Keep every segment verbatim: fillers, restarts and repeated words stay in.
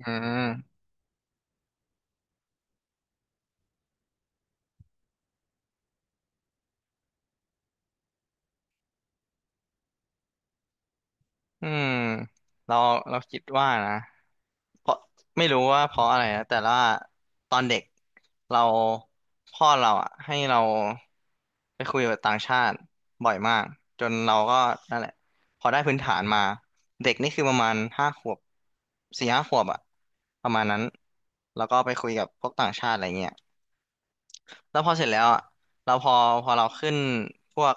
อืมอืมเราเราคิดว่านะเพราะไม่รู้ว่าเพราะอะไรนะแต่ว่าตอนเด็กเราพ่อเราอ่ะให้เราไปคุยกับต่างชาติบ่อยมากจนเราก็นั่นแหละพอได้พื้นฐานมาเด็กนี่คือประมาณห้าขวบสี่ห้าขวบอ่ะประมาณนั้นแล้วก็ไปคุยกับพวกต่างชาติอะไรเงี้ย แล้วพอเสร็จแล้วอ่ะเราพอพอเราขึ้นพวก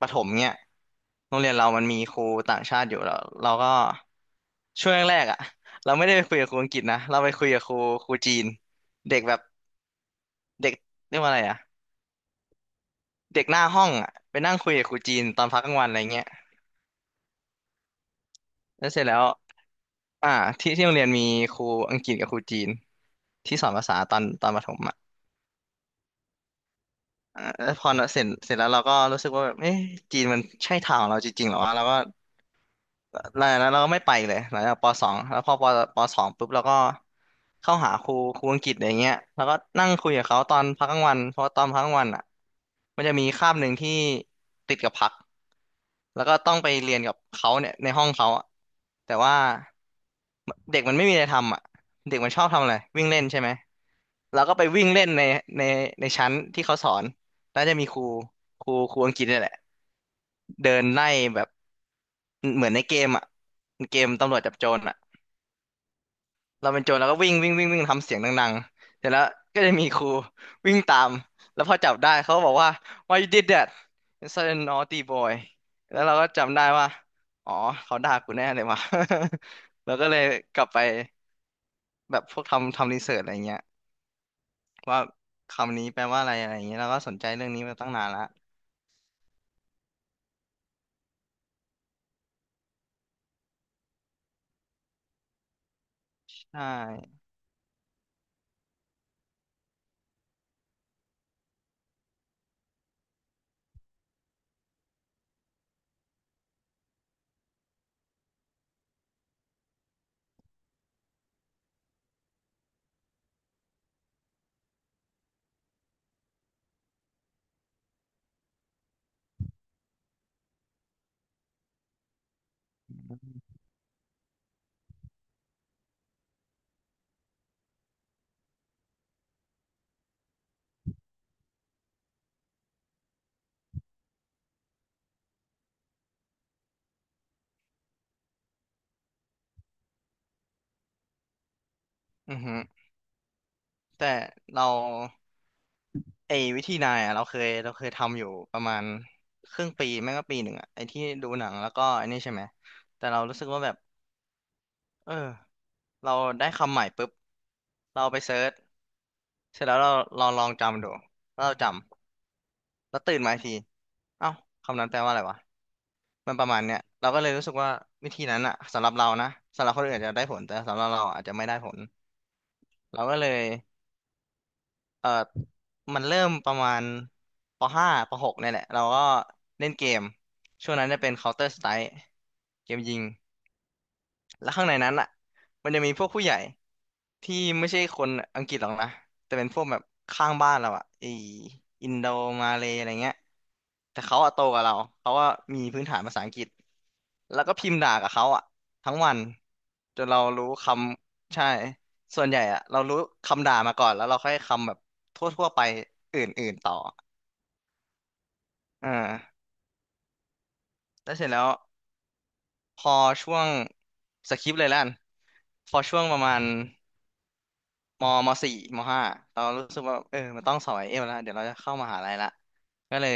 ประถมเนี่ยโรงเรียนเรามันมีครูต่างชาติอยู่แล้วเราก็ช่วงแรกๆอ่ะเราไม่ได้ไปคุยกับครูอังกฤษนะเราไปคุยกับครูครูจีนเด็กแบบเด็กเรียกว่าอะไรอ่ะเด็กหน้าห้องอ่ะไปนั่งคุยกับครูจีนตอนพักกลางวันอะไรเงี้ยแล้วเสร็จแล้วอ่าที่ที่โรงเรียนมีครูอังกฤษกับครูจีนที่สอนภาษาตอนตอนประถมอ่ะอ่าแล้วพอเสร็จเสร็จแล้วเราก็รู้สึกว่าแบบเอ๊ะจีนมันใช่ทางของเราจริงๆเหรอวะเราก็ แล้วแล้วเราก็ไม่ไปเลยหลังจากปสองแล้วพอปปสองปุ๊บเราก็เข้าหาครูครูอังกฤษอะไรเงี้ยแล้วก็นั่งคุยกับเขาตอนพักกลางวันเพราะว่าตอนพักกลางวันอ่ะมันจะมีคาบหนึ่งที่ติดกับพักแล้วก็ต้องไปเรียนกับเขาเนี่ยในห้องเขาอะแต่ว่าเด็กมันไม่มีอะไรทำอ่ะเด็กมันชอบทำอะไรวิ่งเล่นใช่ไหมเราก็ไปวิ่งเล่นในในในชั้นที่เขาสอนแล้วจะมีครูครูครูอังกฤษเนี่ยแหละเดินไล่แบบ เหมือนในเกมอ่ะเกมตำรวจจับโจรอ่ะเราเป็นโจรเราก็วิ่งวิ่งวิ่งวิ่งทำเสียงดังๆเสร็จแล้วก็จะมีครูวิ่งตามแล้วพอจับได้เขาก็บอกว่า why you did that you're such a naughty boy แล้วเราก็จำได้ว่าอ๋อเขาด่ากูแน่เลยว่ะ เราก็เลยกลับไปแบบพวกทำทำรีเสิร์ชอะไรเงี้ยว่าคำนี้แปลว่าอะไรอะไรเงี้ยเราก็สนใจเรื่องนี้มาตั้งนานละใช่อือฮึแต่เรา ไอ้วิธีนายอ่ะเราเคยเราเคยทำอยู่ประมาณครึ่งปีแม่งก็ปีหนึ่งอ่ะไอ้ที่ดูหนังแล้วก็ไอ้นี่ใช่ไหมแต่เรารู้สึกว่าแบบเออเราได้คำใหม่ปุ๊บเราไปเซิร์ชเสร็จแล้วเราเราลองจำดูแล้วเราจำแล้วตื่นมาอีกทีเอ้าคำนั้นแปลว่าอะไรวะมันประมาณเนี้ยเราก็เลยรู้สึกว่าวิธีนั้นอ่ะสำหรับเรานะสำหรับคนอื่นอาจจะได้ผลแต่สำหรับเราอาจจะไม่ได้ผลเราก็เลย เออมันเริ่มประมาณปห้าปหกเนี่ยแหละเราก็เล่นเกมช่วงนั้นจะเป็น Counter Strike เกมยิง แล้วข้างในนั้นอ่ะมันจะมีพวกผู้ใหญ่ที่ไม่ใช่คนอังกฤษหรอกนะแต่เป็นพวกแบบข้างบ้านเราอ่ะไออินโดมาเลอะไรเงี้ยแต่เขาอะโตกว่าเราเขาว่ามีพื้นฐานภาษาอังกฤษแล้วก็พิมพ์ด่ากับเขาอ่ะทั้งวันจนเรารู้คำใช่ส่วนใหญ่อ่ะเรารู้คำด่ามาก่อนแล้วเราค่อยคำแบบทั่วๆไปอื่นๆต่ออ่าแล้วเสร็จแล้วพอช่วงสคริปต์เลยแล้วกันพอช่วงประมาณ มมสี่มห้าเรารู้สึกว่าเออมันต้องสอบไอเอฟแล้วเดี๋ยวเราจะเข้ามหาลัยละก็เลย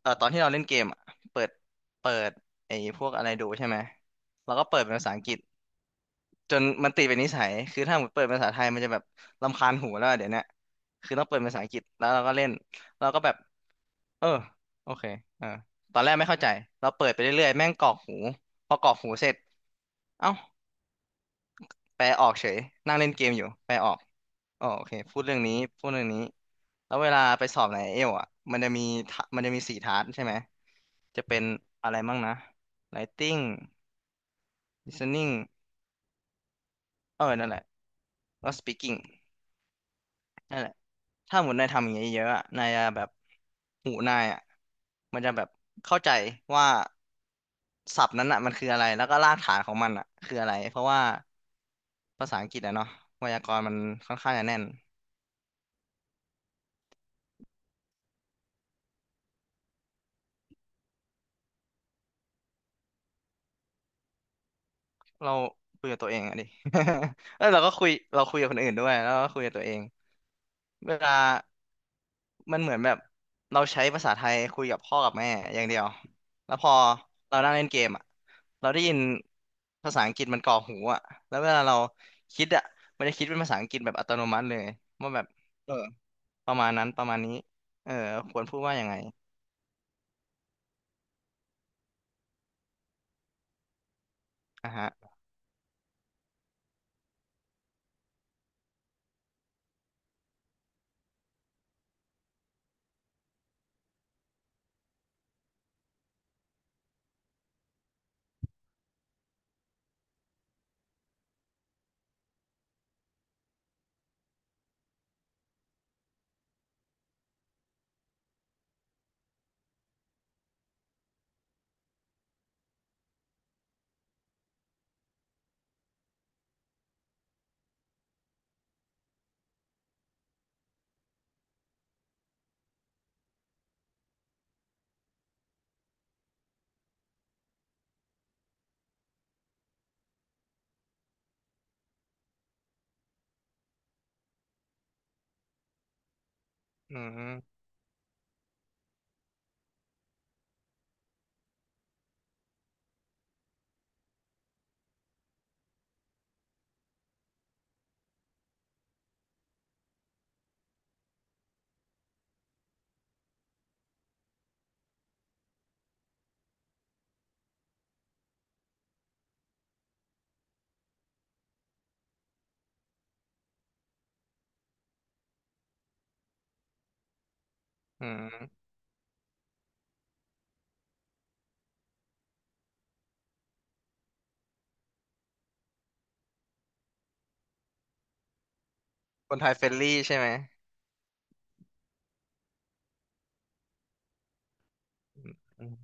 เออตอนที่เราเล่นเกมอะเปิดเปิดไอพวกอะไรดูใช่ไหมเราก็เปิดเป็นภาษาอังกฤษจนมันติดเป็นนิสัยคือถ้าหมดเปิดเป็นภาษาไทยมันจะแบบรำคาญหูแล้วอะเดี๋ยวเนี้ยคือต้องเปิดเป็นภาษาอังกฤษแล้วเราก็เล่นเราก็แบบเออโอเคเออตอนแรกไม่เข้าใจเราเปิดไปเรื่อยๆแม่งกรอกหูพอกรอกหูเสร็จเอ้าแปลออกเฉยนั่งเล่นเกมอยู่แปลออก อ๋อโอเคพูดเรื่องนี้พูดเรื่องนี้แล้วเวลาไปสอบในเอลอ่ะมันจะมีทะมันจะมีสี่ทาสใช่ไหมจะเป็นอะไรมั่งนะ Writing Listening เออนั่นแหละแล้ว Speaking นั่นแหละถ้าหมดนายทำอย่างเงี้ยเยอะอะนายจะแบบหูนายอ่ะมันจะแบบเข้าใจว่าศัพท์นั้นอ่ะมันคืออะไรแล้วก็รากฐานของมันอ่ะคืออะไรเพราะว่าภาษาอังกฤษอะเนาะไวยากรณ์มันค่อนข้างจะแน่น เราคุยกับตัวเองอะดิ แล้วเราก็คุยเราคุยกับคนอื่นด้วยแล้วก็คุยกับตัวเองเวลามันเหมือนแบบเราใช้ภาษาไทยคุยกับพ่อกับแม่อย่างเดียวแล้วพอเรานั่งเล่นเกมอ่ะเราได้ยินภาษาอังกฤษมันก่อหูอ่ะแล้วเวลาเราคิดอ่ะมันจะคิดเป็นภาษาอังกฤษแบบอัตโนมัติเลยว่าแบบเออประมาณนั้นประมาณนี้เออควรพูดว่ายังไงอ่ะฮะอืมอืมคนไทยเฟรนลี่ใช่ไหมอืม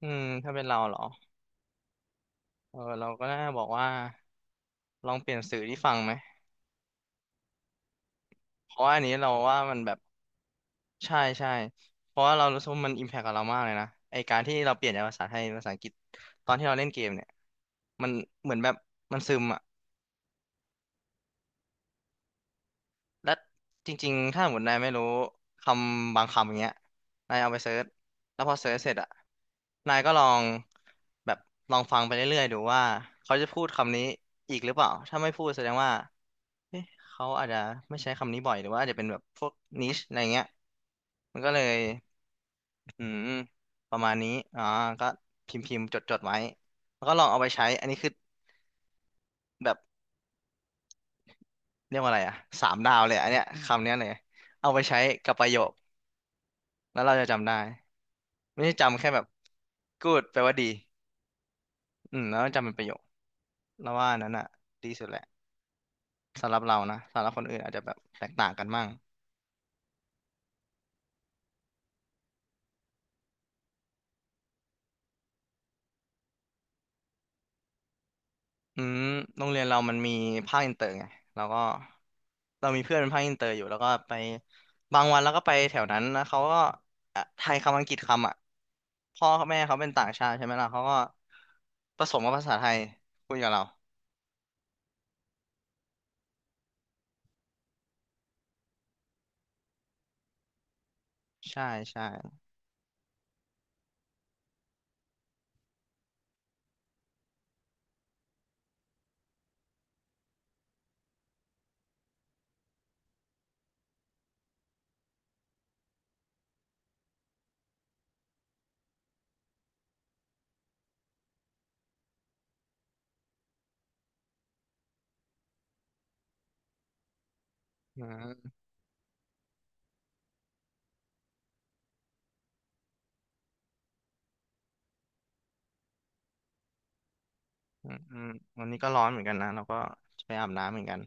อืมถ้าเป็นเราเหรอ เออเราก็น่าบอกว่าลองเปลี่ยนสื่อที่ฟังไหมเพราะว่าอันนี้เราว่ามันแบบใช่ใช่เพราะว่าเรารู้สึกว่ามันอิมแพคกับเรามากเลยนะไอการที่เราเปลี่ยนจากภาษาไทยเป็นภาษาอังกฤษตอนที่เราเล่นเกมเนี่ยมันเหมือนแบบมันซึมอ่ะและจริงๆถ้าสมมตินายไม่รู้คำบางคำอย่างเงี้ยนายเอาไปเซิร์ชแล้วพอเซิร์ชเสร็จอ่ะนายก็ลองแบบลองฟังไปเรื่อยๆดูว่าเขาจะพูดคำนี้อีกหรือเปล่าถ้าไม่พูดแสดงว่า เอ๊ะเขาอาจจะไม่ใช้คำนี้บ่อยหรือว่าอาจจะเป็นแบบพวกนิชอะไรเงี้ยมันก็เลยอืมประมาณนี้อ่าก็พิมพ์พิมพ์จดจดไว้แล้วก็ลองเอาไปใช้อันนี้คือแบบเรียกว่าอะไรอ่ะสามดาวเลยอันเนี้ยคำเนี้ยเลยเอาไปใช้กับประโยคแล้วเราจะจำได้ไม่ใช่จำแค่แบบ good แปลว่าดีอืมแล้วจำเป็นประโยคแล้วว่าอันนั้นอ่ะดีสุดแหละสำหรับเรานะสำหรับคนอื่นอาจจะแบบแตกต่างกันมั่ง อืมโรงเรียนเรามันมีภาคอินเตอร์ไงเราก็เรามีเพื่อนเป็นภาคอินเตอร์อยู่แล้วก็ไปบางวันแล้วก็ไปแถวนั้นนะเขาก็อ่ะไทยคำอังกฤษคำอ่ะพ่อกับแม่เขาเป็นต่างชาติใช่ไหมล่ะเขาก็ผสมกับภาษาไทยคุยกับเราใช่ใช่อืมอืมอืมวันนี้ก็ร้อนเหมือนกันนะเราก็จะไปอาบน้ำเหมือนกัน